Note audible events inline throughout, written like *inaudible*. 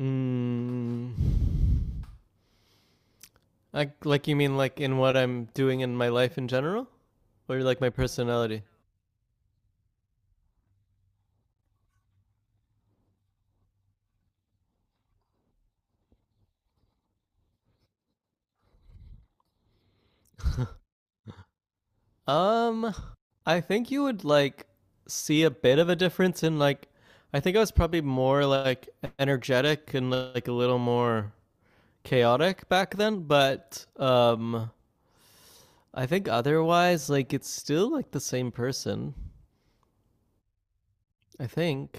Mm, like, you mean like in what I'm doing in my life in general, or like my personality? Um, I think you would like see a bit of a difference in like. I think I was probably more like energetic and like a little more chaotic back then, but I think otherwise, like it's still like the same person. I think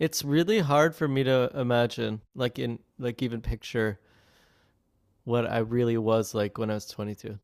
it's really hard for me to imagine, like in like even picture what I really was like when I was 22.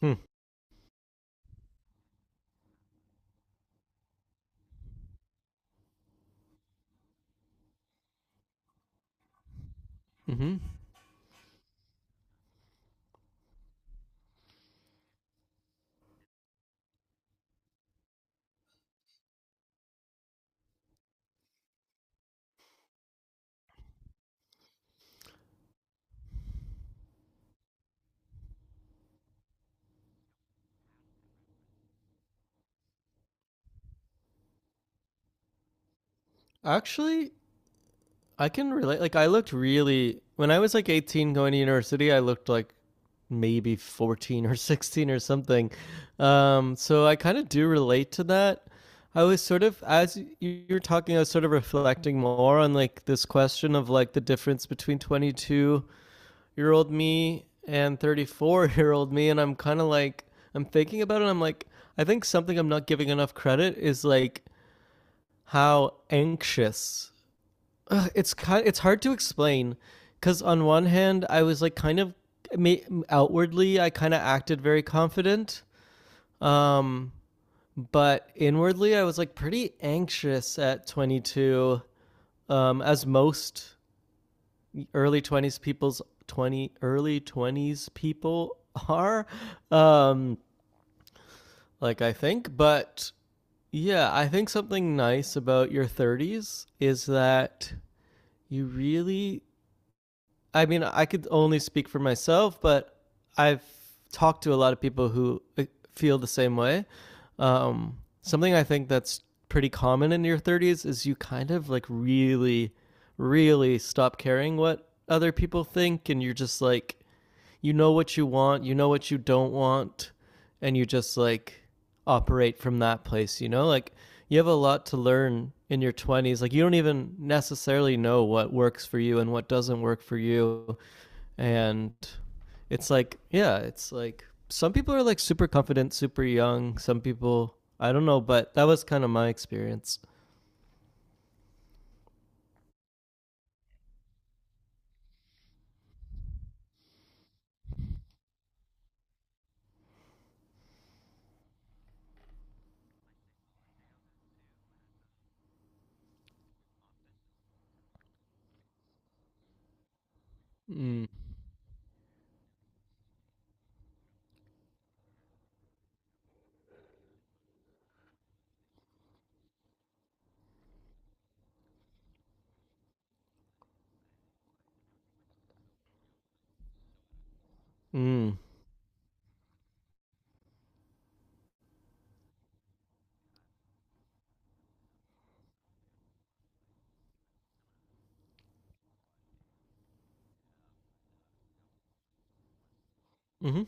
Hmm. Mm-hmm. Actually, I can relate. Like, I looked really, when I was like 18 going to university, I looked like maybe 14 or *laughs* 16 or something. So I kind of do relate to that. I was sort of, as you were talking, I was sort of reflecting more on like this question of like the difference between 22-year-old me and 34-year-old me. And I'm kind of like, I'm thinking about it. And I'm like, I think something I'm not giving enough credit is like how anxious. Ugh, it's it's hard to explain because on one hand, I was like kind of outwardly, I kind of acted very confident. Um, but inwardly, I was like pretty anxious at 22, as most early 20s people are um like I think, but yeah, I think something nice about your 30s is that you really I mean, I could only speak for myself, but I've talked to a lot of people who feel the same way. Something I think that's pretty common in your 30s is you kind of like really stop caring what other people think and you're just like you know what you want, you know what you don't want, and you just like operate from that place, you know? Like you have a lot to learn in your 20s. Like you don't even necessarily know what works for you and what doesn't work for you. And it's like, yeah, it's like some people are like super confident, super young. Some people, I don't know, but that was kind of my experience. Mm. Mm. Mm-hmm.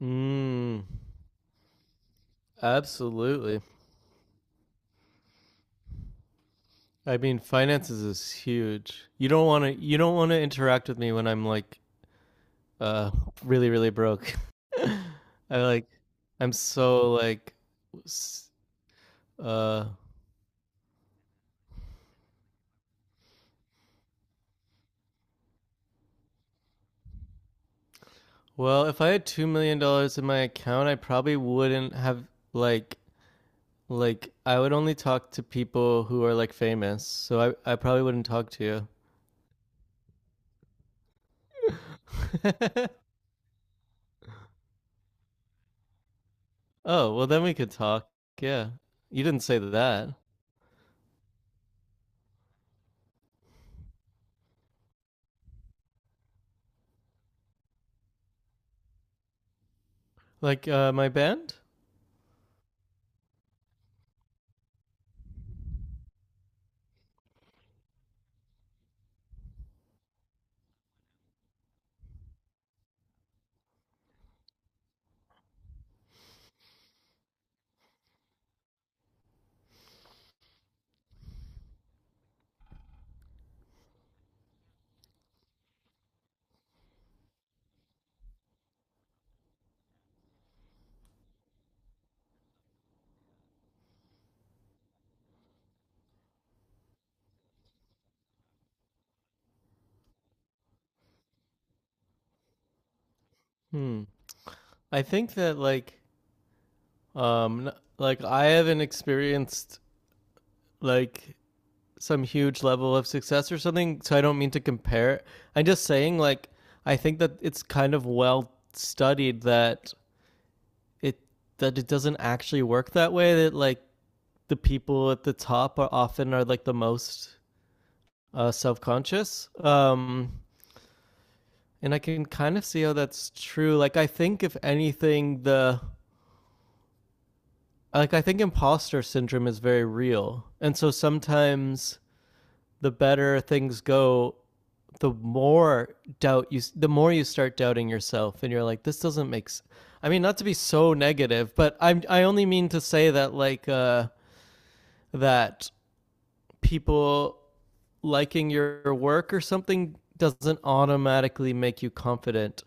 Mm. Absolutely. I mean, finances is huge. You don't want to. You don't want to interact with me when I'm like, uh, really, really broke. *laughs* I like, I'm so like, uh, well, if I had $2 million in my account, I probably wouldn't have like, like, I would only talk to people who are like famous. So I probably wouldn't talk to you. *laughs* Oh well, then we could talk. Yeah, you didn't say that. Like, my band. Hmm. I think that Um, like I haven't experienced like some huge level of success or something, so I don't mean to compare it. I'm just saying, like, I think that it's kind of well studied that it it doesn't actually work that way. That like the people at the top are often are like the most self conscious. And I can kind of see how that's true. Like, I think if anything, the like I think imposter syndrome is very real, and so sometimes the better things go, the more the more you start doubting yourself, and you're like, this doesn't make sense. I mean, not to be so negative, but I only mean to say that like that people liking your work or something doesn't automatically make you confident,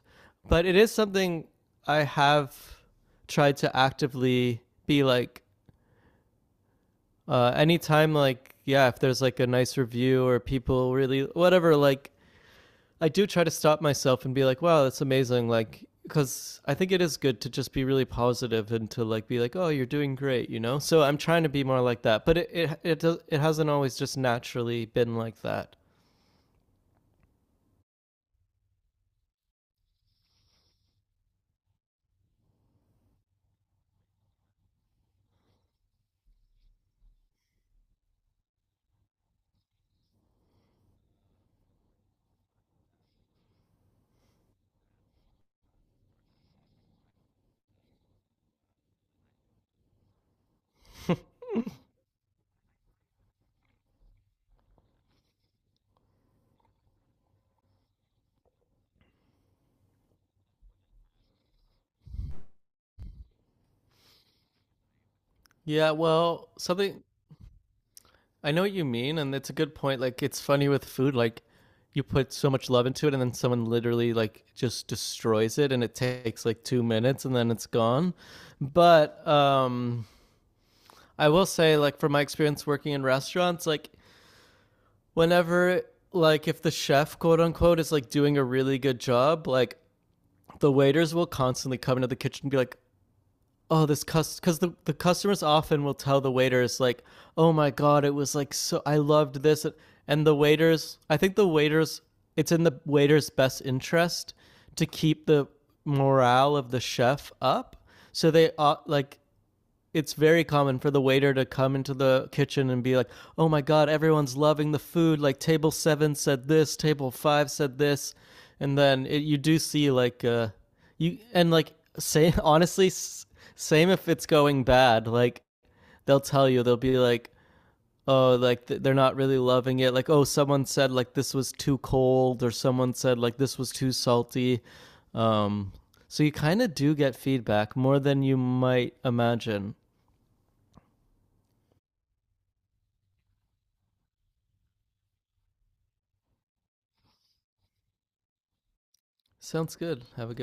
but it is something I have tried to actively be like anytime like yeah if there's like a nice review or people really whatever like I do try to stop myself and be like, wow, that's amazing. Like, because I think it is good to just be really positive and to like be like, oh, you're doing great. So I'm trying to be more like that, but it hasn't always just naturally been like that. Yeah, well, something I know what you mean, and it's a good point. Like, it's funny with food, like you put so much love into it, and then someone literally like just destroys it, and it takes like 2 minutes, and then it's gone. But I will say, like, from my experience working in restaurants, like whenever like if the chef quote unquote is like doing a really good job, like the waiters will constantly come into the kitchen and be like, oh this cust because the customers often will tell the waiters, like, oh my god, it was like, so I loved this. And the waiters, I think the waiters, it's in the waiter's best interest to keep the morale of the chef up. So they like, it's very common for the waiter to come into the kitchen and be like, "Oh my god, everyone's loving the food. Like table 7 said this, table 5 said this." And then you do see like you and like say *laughs* honestly same if it's going bad, like they'll tell you, they'll be like, "Oh, like they're not really loving it. Like, oh, someone said like this was too cold or someone said like this was too salty." Um so you kind of do get feedback more than you might imagine. Sounds good. Have a good